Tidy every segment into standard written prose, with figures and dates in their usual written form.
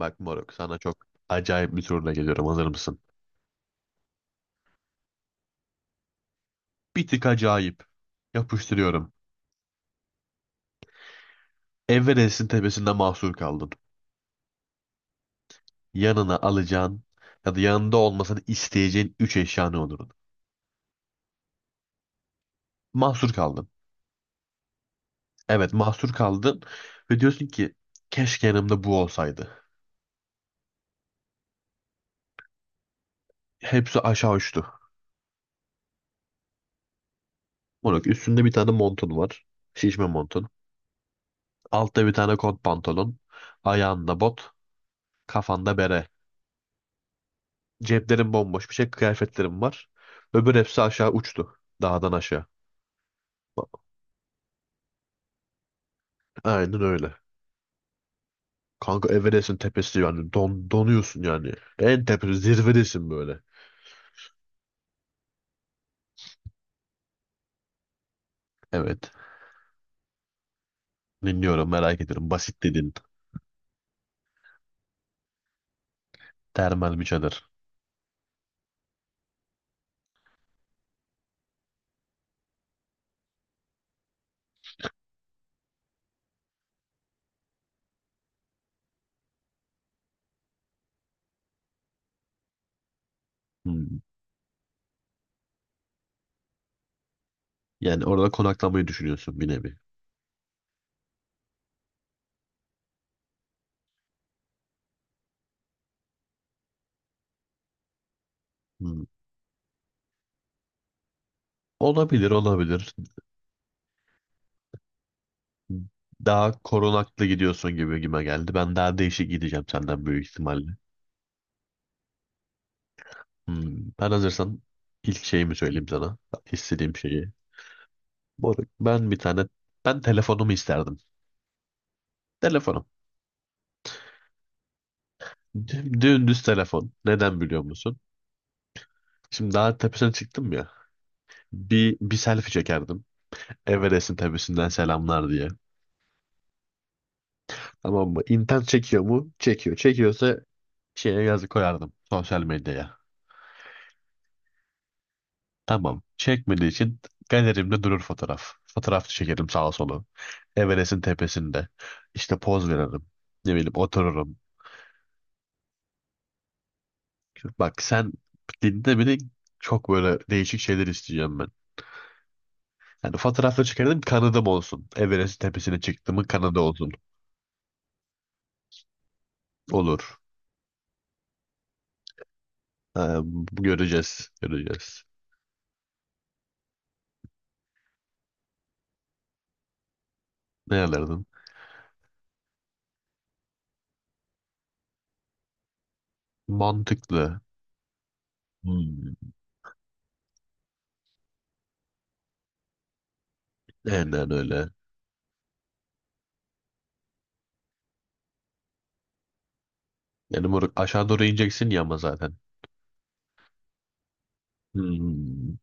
Bak moruk sana çok acayip bir soruna geliyorum. Hazır mısın? Bir tık acayip. Yapıştırıyorum. Everest'in tepesinde mahsur kaldın. Yanına alacağın ya da yanında olmasını isteyeceğin 3 eşya ne olurdu? Mahsur kaldın. Evet mahsur kaldın. Ve diyorsun ki keşke yanımda bu olsaydı. Hepsi aşağı uçtu. Moruk üstünde bir tane montun var. Şişme montun. Altta bir tane kot pantolon. Ayağında bot. Kafanda bere. Ceplerim bomboş bir şey. Kıyafetlerim var. Öbür hepsi aşağı uçtu. Dağdan aşağı. Aynen öyle. Kanka Everest'in tepesi yani donuyorsun yani. En tepe zirvedesin böyle. Evet. Dinliyorum merak ediyorum. Basit dedin. Termal bir çadır. Hmm. Yani orada konaklamayı düşünüyorsun bir nevi. Hmm. Olabilir olabilir. Daha korunaklı gidiyorsun gibi gime geldi. Ben daha değişik gideceğim senden büyük ihtimalle. Hmm. Ben hazırsan ilk şeyimi söyleyeyim sana. İstediğim şeyi. Moruk, ben bir tane ben telefonumu isterdim. Telefonum. Dümdüz telefon. Neden biliyor musun? Şimdi daha tepesine çıktım ya. Bir selfie çekerdim. Everest'in tepesinden selamlar diye. Tamam mı? İnternet çekiyor mu? Çekiyor. Çekiyorsa şeye yazı koyardım. Sosyal medyaya. Tamam. Çekmediği için galerimde durur fotoğraf. Fotoğraf çekerim sağa sola. Everest'in tepesinde. İşte poz veririm. Ne bileyim otururum. Bak sen dinde bile çok böyle değişik şeyler isteyeceğim ben. Yani fotoğrafla çıkardım kanadım olsun. Everest tepesine çıktığımın kanadı olsun. Olur. Ee, Göreceğiz. Göreceğiz. Ne alırdın? Mantıklı. Hmm. Aynen öyle. Yani moruk aşağı doğru ineceksin ya ama zaten. Hmm.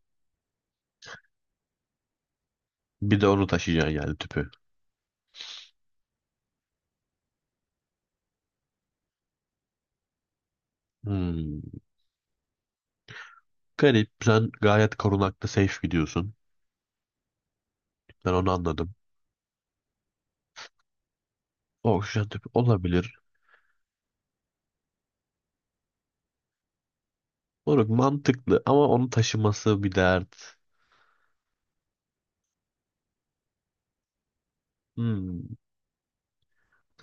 Bir de onu taşıyacaksın yani tüpü. Hmm. Garip. Sen gayet korunaklı safe gidiyorsun. Ben onu anladım. Oksijen tüpü olabilir. Moruk mantıklı ama onu taşıması bir dert. Hmm,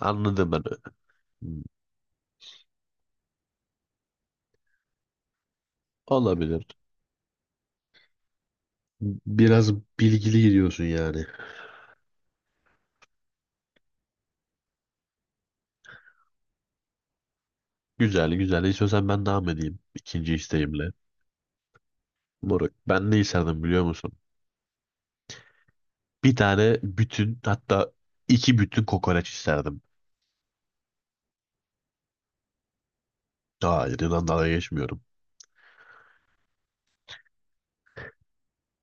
anladım ben. Hmm, olabilir. Biraz bilgili gidiyorsun yani. Güzel güzel. İstiyorsan ben devam edeyim. İkinci isteğimle. Moruk ben ne isterdim biliyor musun? Bir tane bütün hatta iki bütün kokoreç isterdim. Hayır inan dalga geçmiyorum.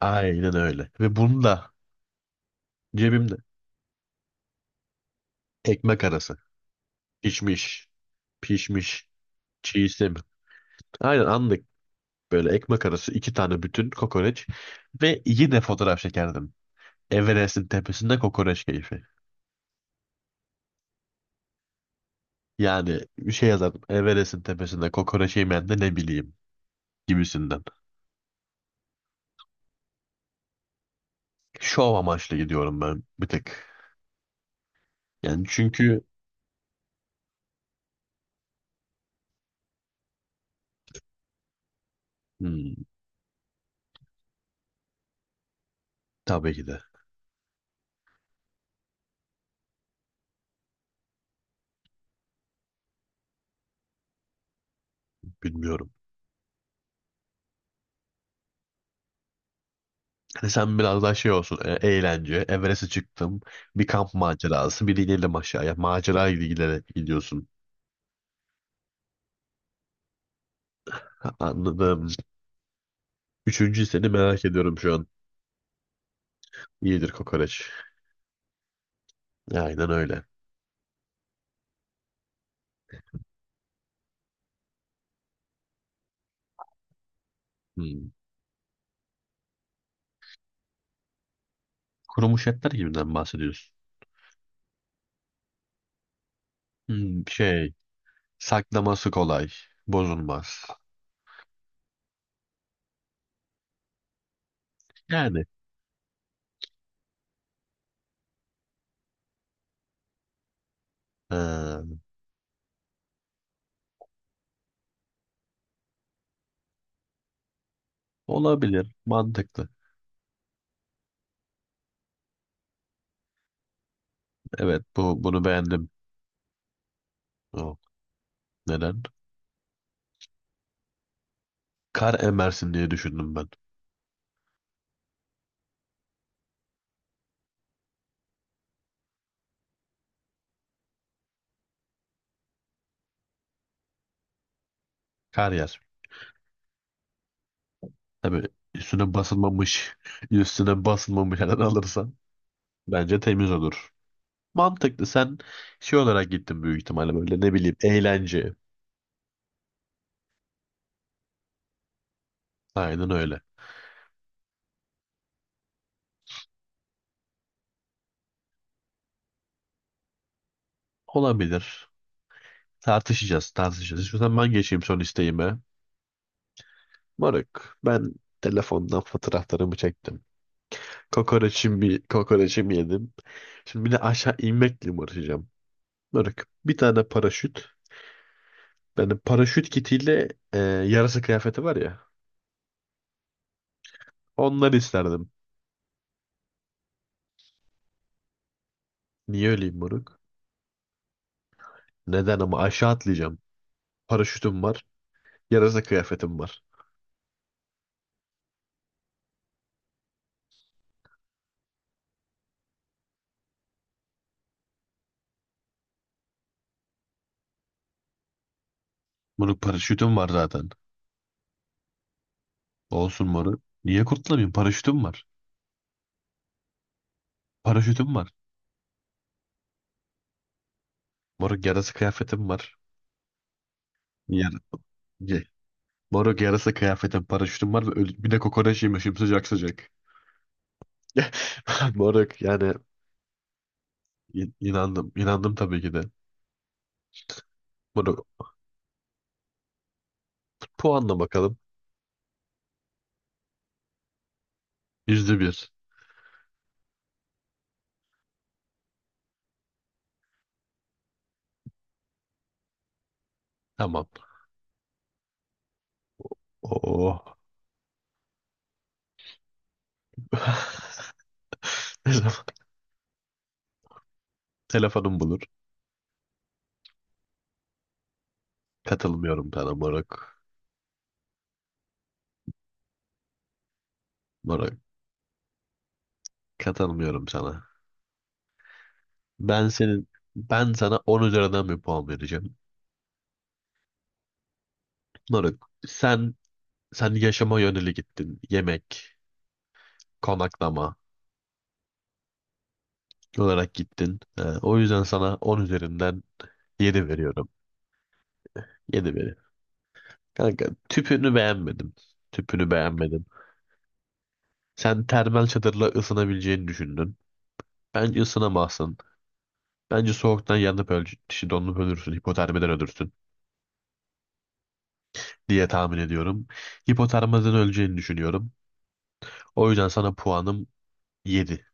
Aynen öyle. Ve bunu da cebimde. Ekmek arası. Pişmiş. Pişmiş. Çiğ istemiyorum. Aynen anlık. Böyle ekmek arası iki tane bütün kokoreç. Ve yine fotoğraf çekerdim. Everest'in tepesinde kokoreç keyfi. Yani bir şey yazardım. Everest'in tepesinde kokoreç yemeyen de ne bileyim gibisinden. Şov amaçlı gidiyorum ben bir tek. Yani çünkü hmm, tabii ki de bilmiyorum. Hani sen biraz daha şey olsun eğlence. Everest'e çıktım. Bir kamp macerası. Bir de inelim aşağıya. Macera gibi giderek gidiyorsun. Ha, anladım. Üçüncü seni merak ediyorum şu an. İyidir kokoreç. Aynen öyle. Hmm. Kurumuş etler gibinden bahsediyorsun. Hmm, şey. Saklaması kolay. Bozulmaz. Yani ha, olabilir. Mantıklı. Evet bu bunu beğendim. O, neden? Kar emersin diye düşündüm ben. Kar yer. Tabii üstüne basılmamış üstüne basılmamış yerden alırsan bence temiz olur. Mantıklı. Sen şey olarak gittin büyük ihtimalle böyle ne bileyim eğlence. Aynen öyle. Olabilir. Tartışacağız, tartışacağız. İstiyorsan ben geçeyim son isteğime. Moruk, ben telefondan fotoğraflarımı çektim. Kokoreçimi yedim. Şimdi bir de aşağı inmekle mi uğraşacağım? Bırak. Bir tane paraşüt. Benim paraşüt kitiyle yarasa kıyafeti var ya. Onları isterdim. Niye öleyim moruk? Neden ama aşağı atlayacağım. Paraşütüm var. Yarasa kıyafetim var. Moruk paraşütüm var zaten. Olsun moruk. Niye kurtulamayayım? Paraşütüm var. Paraşütüm var. Moruk yarasa kıyafetim var. Yar ye. Moruk yarasa kıyafetim, paraşütüm var ve bir de kokoreç yemişim sıcak sıcak. Moruk yani İnandım. İnandım tabii ki de. Bunu puanla bakalım. %1. Tamam. Oo. Telef- Telefonum bulur. Katılmıyorum sana moruk. Moruk. Katılmıyorum sana. Ben senin ben sana 10 üzerinden bir puan vereceğim. Moruk. Sen yaşama yöneli gittin. Yemek, konaklama olarak gittin. O yüzden sana 10 üzerinden 7 veriyorum. Yedi veriyorum. Kanka tüpünü beğenmedim. Tüpünü beğenmedim. Sen termal çadırla ısınabileceğini düşündün. Bence ısınamazsın. Bence soğuktan yanıp öl işte donup ölürsün, hipotermiden ölürsün diye tahmin ediyorum. Hipotermiden öleceğini düşünüyorum. O yüzden sana puanım 7.